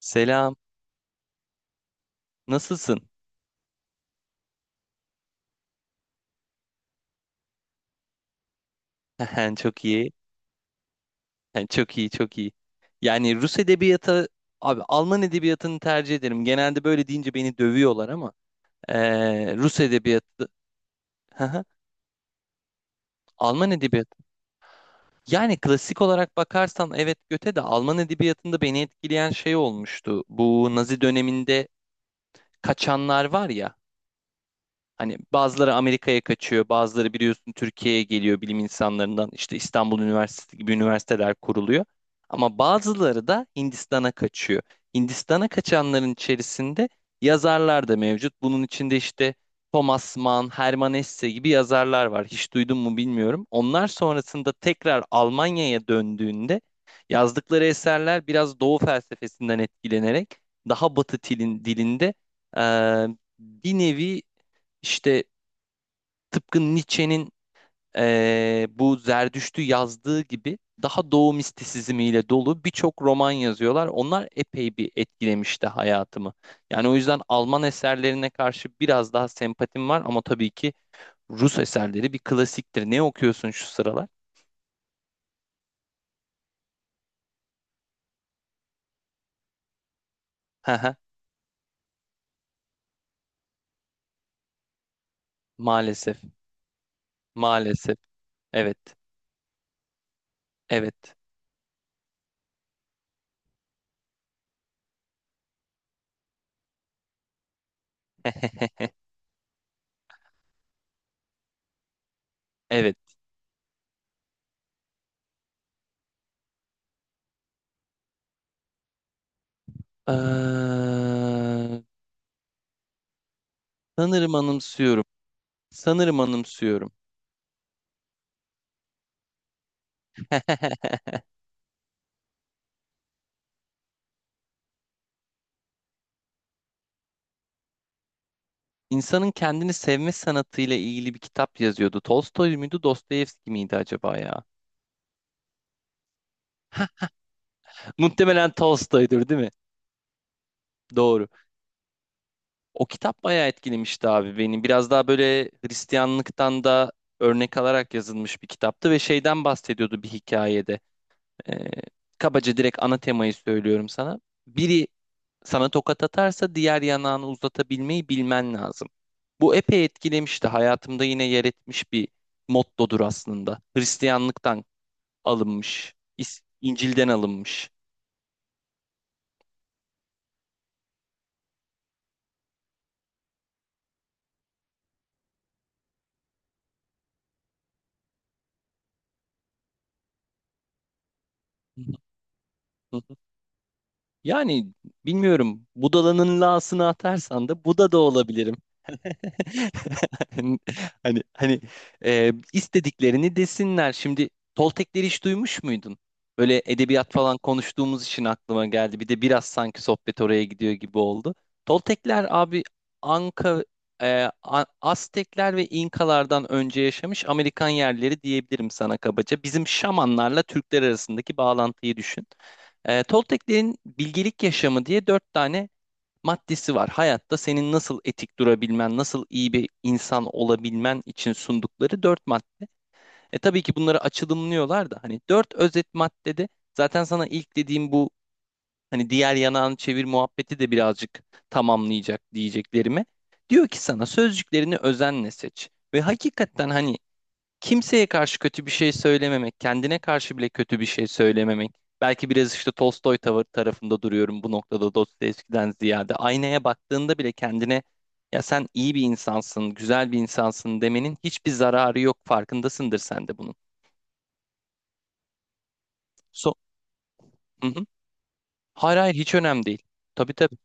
Selam. Nasılsın? Çok iyi. Çok iyi, çok iyi. Yani Rus edebiyatı, abi Alman edebiyatını tercih ederim. Genelde böyle deyince beni dövüyorlar ama Rus edebiyatı, Alman edebiyatı. Yani klasik olarak bakarsan evet göte de Alman edebiyatında beni etkileyen şey olmuştu. Bu Nazi döneminde kaçanlar var ya. Hani bazıları Amerika'ya kaçıyor, bazıları biliyorsun Türkiye'ye geliyor bilim insanlarından. İşte İstanbul Üniversitesi gibi üniversiteler kuruluyor. Ama bazıları da Hindistan'a kaçıyor. Hindistan'a kaçanların içerisinde yazarlar da mevcut. Bunun içinde işte Thomas Mann, Hermann Hesse gibi yazarlar var. Hiç duydun mu bilmiyorum. Onlar sonrasında tekrar Almanya'ya döndüğünde yazdıkları eserler biraz Doğu felsefesinden etkilenerek daha Batı dilinde eee, bir nevi işte tıpkı Nietzsche'nin bu Zerdüşt'ü yazdığı gibi daha doğu mistisizmiyle dolu birçok roman yazıyorlar. Onlar epey bir etkilemişti hayatımı. Yani o yüzden Alman eserlerine karşı biraz daha sempatim var ama tabii ki Rus eserleri bir klasiktir. Ne okuyorsun şu sıralar? Hı hı. Maalesef, maalesef. Evet, evet, evet. Eee, sanırım anımsıyorum. Sanırım anımsıyorum. İnsanın kendini sevme sanatıyla ilgili bir kitap yazıyordu. Tolstoy muydu, Dostoyevski miydi acaba ya? Muhtemelen Tolstoy'dur, değil mi? Doğru. O kitap bayağı etkilemişti abi beni. Biraz daha böyle Hristiyanlıktan da örnek alarak yazılmış bir kitaptı ve şeyden bahsediyordu bir hikayede. Ee, kabaca direkt ana temayı söylüyorum sana. Biri sana tokat atarsa diğer yanağını uzatabilmeyi bilmen lazım. Bu epey etkilemişti. Hayatımda yine yer etmiş bir mottodur aslında. Hristiyanlıktan alınmış. İncil'den alınmış. Hı hı. Yani bilmiyorum. Budala'nın la'sını atarsan da Buda da olabilirim. Hani istediklerini desinler. Şimdi Toltekleri hiç duymuş muydun? Böyle edebiyat falan konuştuğumuz için aklıma geldi. Bir de biraz sanki sohbet oraya gidiyor gibi oldu. Toltekler abi Anka, Aztekler ve İnkalardan önce yaşamış Amerikan yerleri diyebilirim sana kabaca. Bizim şamanlarla Türkler arasındaki bağlantıyı düşün. Tolteklerin bilgelik yaşamı diye dört tane maddesi var. Hayatta senin nasıl etik durabilmen, nasıl iyi bir insan olabilmen için sundukları dört madde. Tabii ki bunları açılımlıyorlar da hani dört özet maddede zaten sana ilk dediğim bu hani diğer yanağını çevir muhabbeti de birazcık tamamlayacak diyeceklerime. Diyor ki sana sözcüklerini özenle seç. Ve hakikaten hani kimseye karşı kötü bir şey söylememek, kendine karşı bile kötü bir şey söylememek. Belki biraz işte Tolstoy tavır tarafında duruyorum bu noktada Dostoyevski'den ziyade. Aynaya baktığında bile kendine ya sen iyi bir insansın, güzel bir insansın demenin hiçbir zararı yok. Farkındasındır sen de bunun. So hı hı. Hayır hayır hiç önemli değil. Tabii tabii.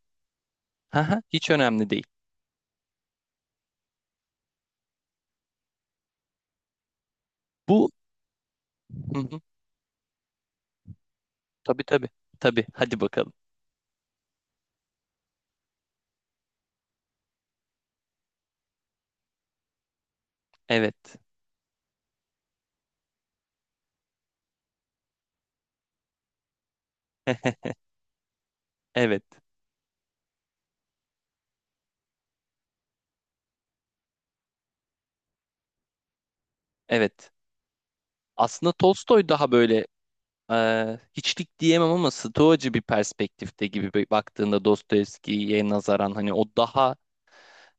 Hı hı, hiç önemli değil. Bu hı hı. Tabii tabii. Tabii hadi bakalım. Evet. Evet. Evet. Aslında Tolstoy daha böyle hiçlik diyemem ama Stoacı bir perspektifte gibi baktığında Dostoyevski'ye nazaran hani o daha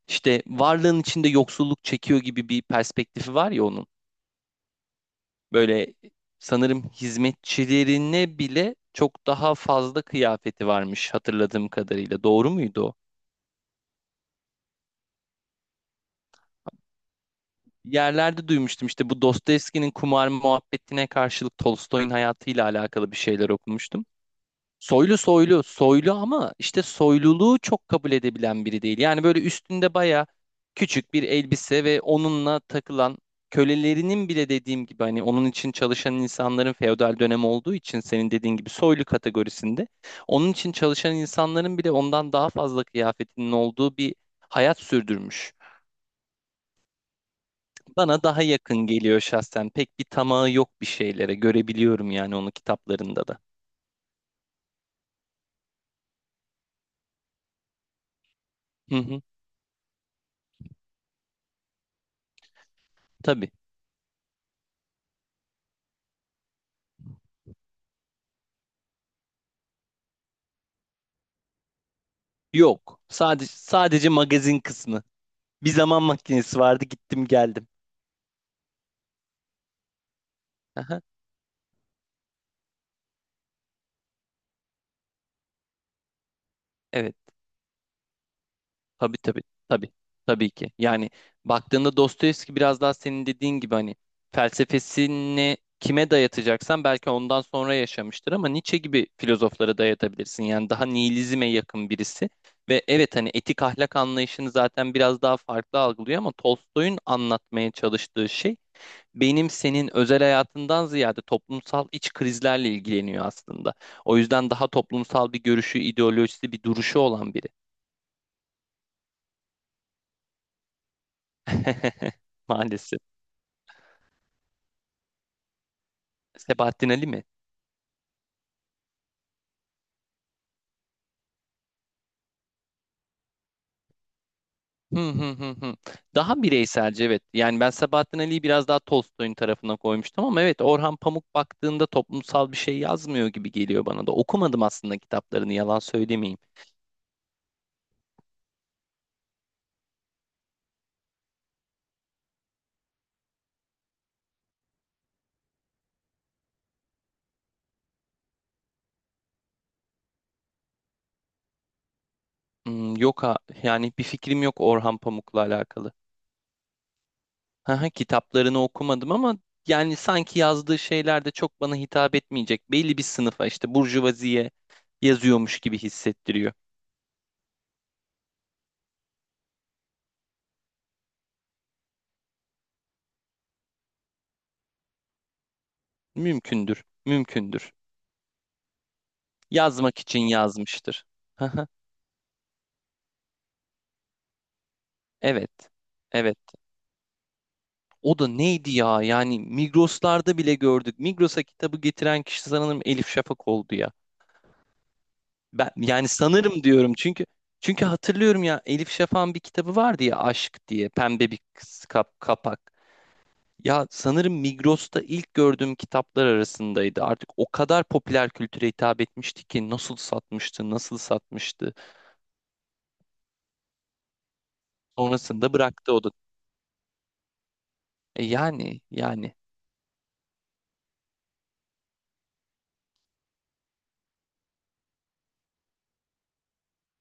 işte varlığın içinde yoksulluk çekiyor gibi bir perspektifi var ya onun. Böyle sanırım hizmetçilerine bile çok daha fazla kıyafeti varmış hatırladığım kadarıyla. Doğru muydu o? Yerlerde duymuştum işte bu Dostoyevski'nin kumar muhabbetine karşılık Tolstoy'un hayatıyla alakalı bir şeyler okumuştum. Soylu soylu soylu ama işte soyluluğu çok kabul edebilen biri değil. Yani böyle üstünde baya küçük bir elbise ve onunla takılan kölelerinin bile dediğim gibi hani onun için çalışan insanların feodal dönem olduğu için senin dediğin gibi soylu kategorisinde onun için çalışan insanların bile ondan daha fazla kıyafetinin olduğu bir hayat sürdürmüş. Bana daha yakın geliyor şahsen. Pek bir tamahı yok bir şeylere. Görebiliyorum yani onu kitaplarında da. Hı hı, tabii. Yok. Sadece magazin kısmı. Bir zaman makinesi vardı, gittim geldim. Aha, evet. Tabii tabii. Tabii. Tabii ki. Yani baktığında Dostoyevski biraz daha senin dediğin gibi hani felsefesini kime dayatacaksan belki ondan sonra yaşamıştır ama Nietzsche gibi filozoflara dayatabilirsin. Yani daha nihilizme yakın birisi ve evet hani etik ahlak anlayışını zaten biraz daha farklı algılıyor ama Tolstoy'un anlatmaya çalıştığı şey benim senin özel hayatından ziyade toplumsal iç krizlerle ilgileniyor aslında. O yüzden daha toplumsal bir görüşü, ideolojisi, bir duruşu olan biri. Maalesef. Sebahattin Ali mi? Hı hı hı hı. Daha bireyselce evet. Yani ben Sebahattin Ali'yi biraz daha Tolstoy'un tarafına koymuştum ama evet Orhan Pamuk baktığında toplumsal bir şey yazmıyor gibi geliyor bana da. Okumadım aslında kitaplarını yalan söylemeyeyim. Yok ha, yani bir fikrim yok Orhan Pamuk'la alakalı. Haha, kitaplarını okumadım ama yani sanki yazdığı şeyler de çok bana hitap etmeyecek. Belli bir sınıfa işte burjuvaziye yazıyormuş gibi hissettiriyor. Mümkündür, mümkündür. Yazmak için yazmıştır. Haha, evet, evet. O da neydi ya? Yani Migros'larda bile gördük. Migros'a kitabı getiren kişi sanırım Elif Şafak oldu ya. Ben yani sanırım diyorum çünkü hatırlıyorum ya Elif Şafak'ın bir kitabı vardı ya Aşk diye pembe bir kapak. Ya sanırım Migros'ta ilk gördüğüm kitaplar arasındaydı. Artık o kadar popüler kültüre hitap etmişti ki nasıl satmıştı, nasıl satmıştı. Sonrasında bıraktı o da. E yani, yani.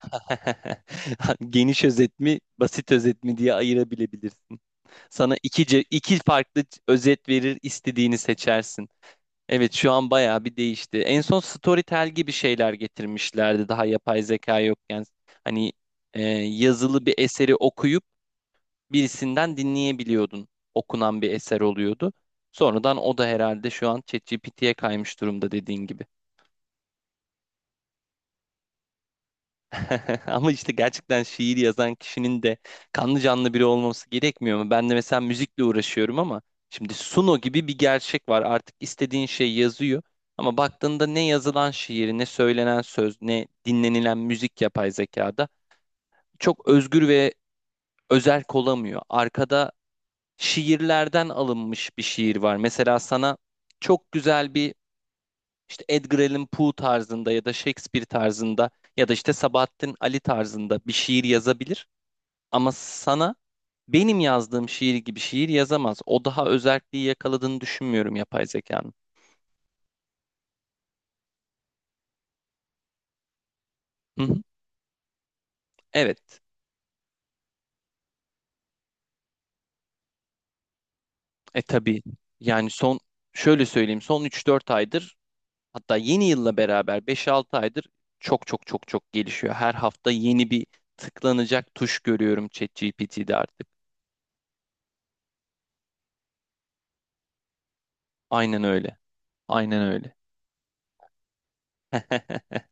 Geniş özet mi, basit özet mi diye ayırabilebilirsin. Sana iki farklı özet verir, istediğini seçersin. Evet, şu an bayağı bir değişti. En son Storytel gibi şeyler getirmişlerdi daha yapay zeka yokken. Hani yazılı bir eseri okuyup birisinden dinleyebiliyordun. Okunan bir eser oluyordu. Sonradan o da herhalde şu an ChatGPT'ye kaymış durumda dediğin gibi. Ama işte gerçekten şiir yazan kişinin de kanlı canlı biri olması gerekmiyor mu? Ben de mesela müzikle uğraşıyorum ama şimdi Suno gibi bir gerçek var. Artık istediğin şey yazıyor. Ama baktığında ne yazılan şiir, ne söylenen söz, ne dinlenilen müzik yapay zekada çok özgür ve özerk olamıyor. Arkada şiirlerden alınmış bir şiir var. Mesela sana çok güzel bir işte Edgar Allan Poe tarzında ya da Shakespeare tarzında ya da işte Sabahattin Ali tarzında bir şiir yazabilir. Ama sana benim yazdığım şiir gibi şiir yazamaz. O daha özelliği yakaladığını düşünmüyorum yapay zekanın. Hı hı. Evet. E tabii. Yani son şöyle söyleyeyim son 3-4 aydır. Hatta yeni yılla beraber 5-6 aydır çok çok çok çok gelişiyor. Her hafta yeni bir tıklanacak tuş görüyorum ChatGPT'de artık. Aynen öyle. Aynen öyle.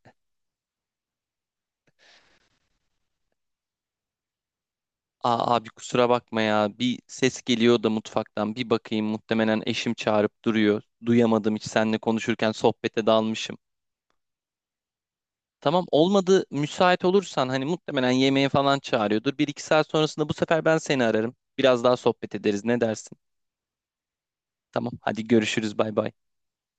Aa, abi kusura bakma ya. Bir ses geliyor da mutfaktan. Bir bakayım, muhtemelen eşim çağırıp duruyor. Duyamadım hiç seninle konuşurken sohbete dalmışım. Tamam, olmadı müsait olursan hani muhtemelen yemeğe falan çağırıyordur. 1-2 saat sonrasında bu sefer ben seni ararım. Biraz daha sohbet ederiz ne dersin? Tamam hadi görüşürüz bay bay.